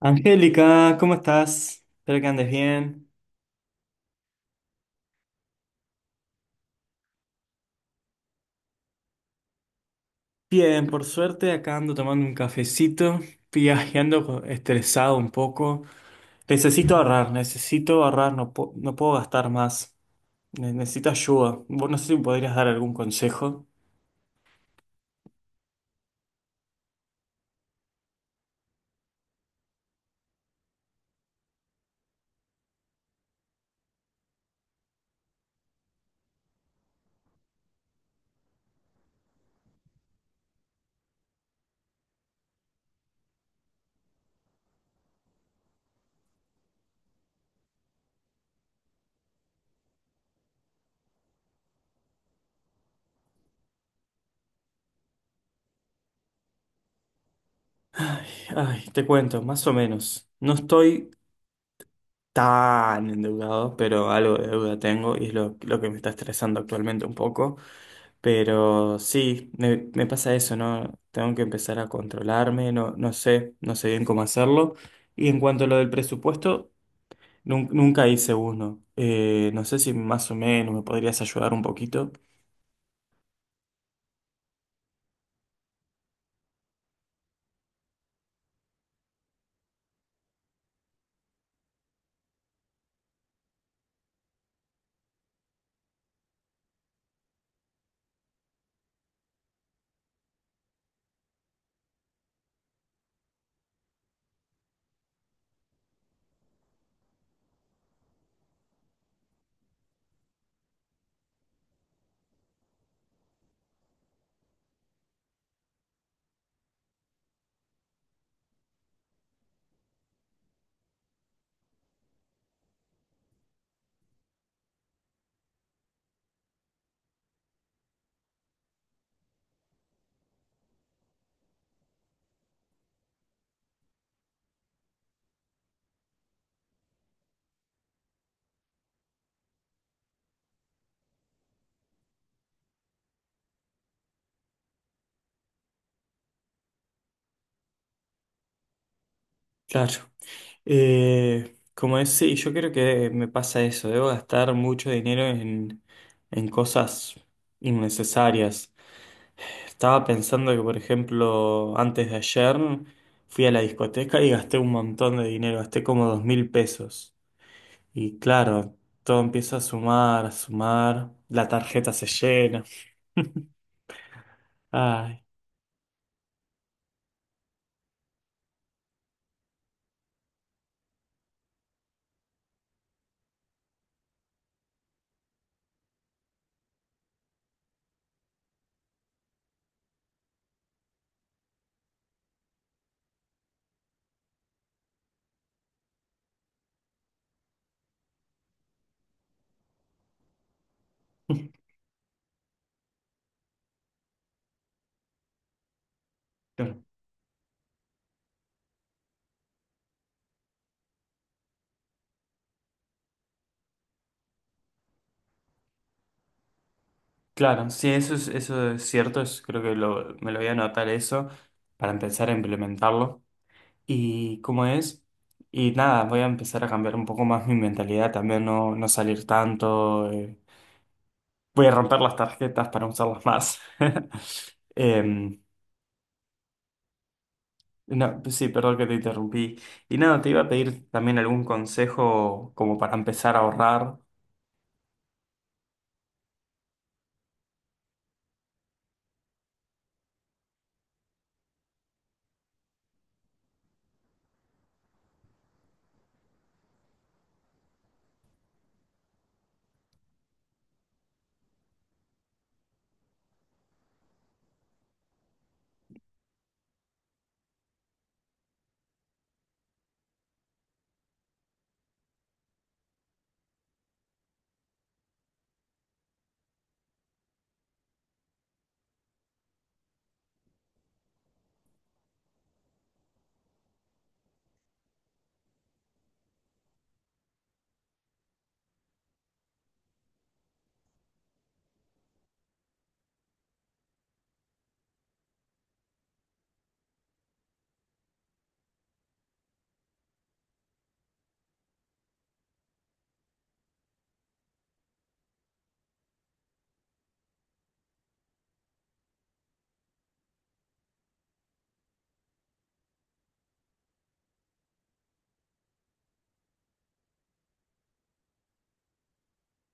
Angélica, ¿cómo estás? Espero que andes bien. Bien, por suerte acá ando tomando un cafecito, viajando estresado un poco. Necesito ahorrar, no, no puedo gastar más. Necesito ayuda. Vos no sé si me podrías dar algún consejo. Ay, te cuento, más o menos. No estoy tan endeudado, pero algo de deuda tengo y es lo que me está estresando actualmente un poco. Pero sí, me pasa eso, ¿no? Tengo que empezar a controlarme, no, no sé, no sé bien cómo hacerlo. Y en cuanto a lo del presupuesto, nunca hice uno. No sé si más o menos me podrías ayudar un poquito. Claro. Sí, yo creo que me pasa eso. Debo gastar mucho dinero en cosas innecesarias. Estaba pensando que, por ejemplo, antes de ayer fui a la discoteca y gasté un montón de dinero, gasté como 2000 pesos. Y claro, todo empieza a sumar, la tarjeta se llena. Ay. Claro, sí, eso es cierto, creo que me lo voy a anotar eso para empezar a implementarlo. Y cómo es, y nada, voy a empezar a cambiar un poco más mi mentalidad, también no, no salir tanto, voy a romper las tarjetas para usarlas más. Em, no, pues sí, perdón que te interrumpí. Y nada, te iba a pedir también algún consejo como para empezar a ahorrar.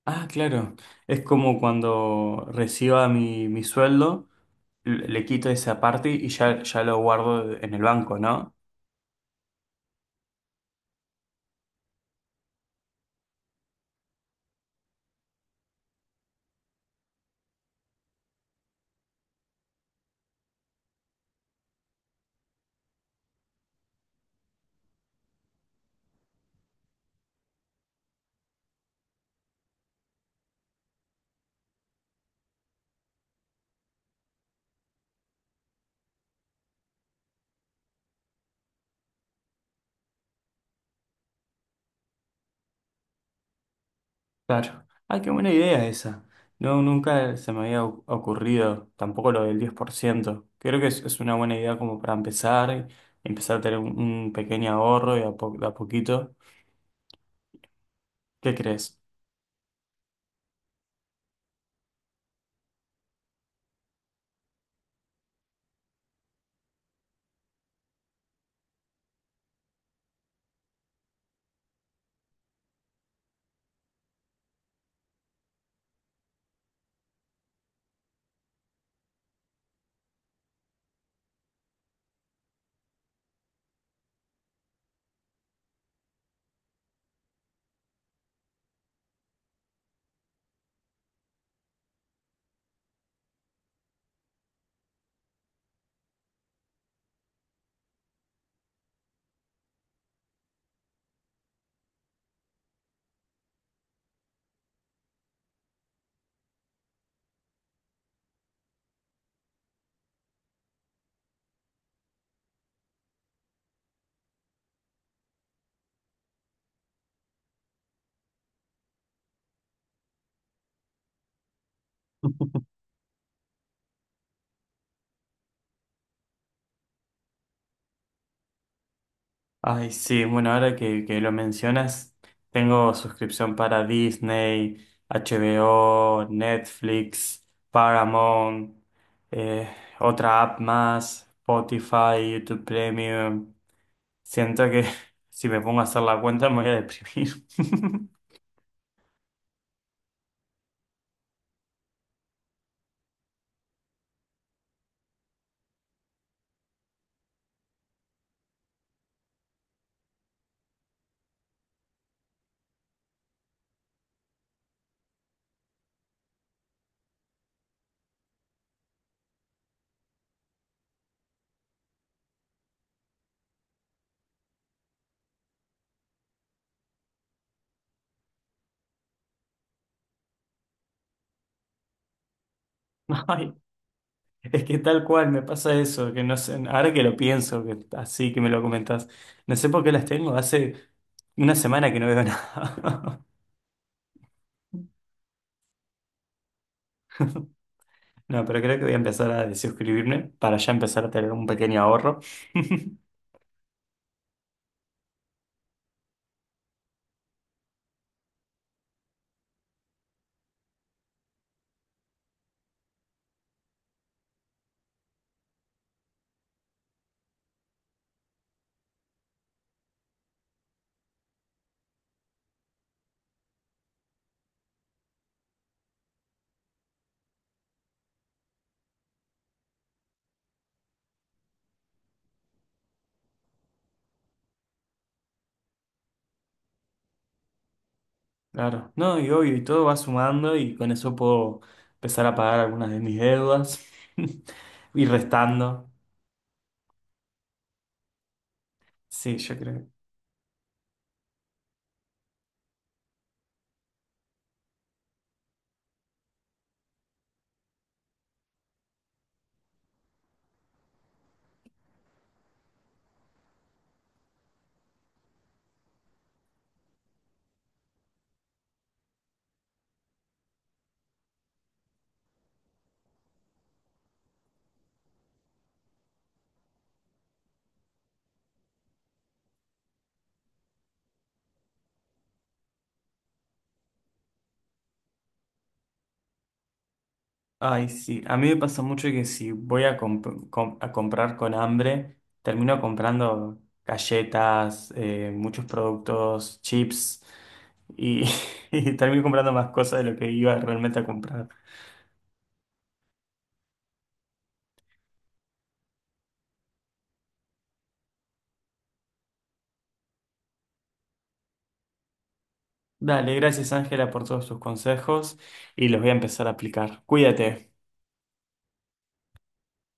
Ah, claro. Es como cuando reciba mi sueldo, le quito esa parte y ya, ya lo guardo en el banco, ¿no? Claro. Ah, qué buena idea esa. No, nunca se me había ocurrido, tampoco lo del 10%. Creo que es una buena idea como para empezar, y empezar a tener un pequeño ahorro y a, de a poquito. ¿Qué crees? Ay, sí, bueno, ahora que lo mencionas, tengo suscripción para Disney, HBO, Netflix, Paramount, eh, otra app más, Spotify, YouTube Premium. Siento que si me pongo a hacer la cuenta me voy a deprimir. Ay, es que tal cual me pasa eso, que no sé, ahora que lo pienso, que así que me lo comentas, no sé por qué las tengo, hace 1 semana que no veo nada. No, pero creo que voy a empezar a desuscribirme para ya empezar a tener un pequeño ahorro. Claro. No, y obvio, y todo va sumando y con eso puedo empezar a pagar algunas de mis deudas y restando. Sí, yo creo. Ay, sí. A mí me pasa mucho que si voy a, a comprar con hambre, termino comprando galletas, muchos productos, chips y, y termino comprando más cosas de lo que iba realmente a comprar. Dale, gracias Ángela por todos tus consejos y los voy a empezar a aplicar. Cuídate.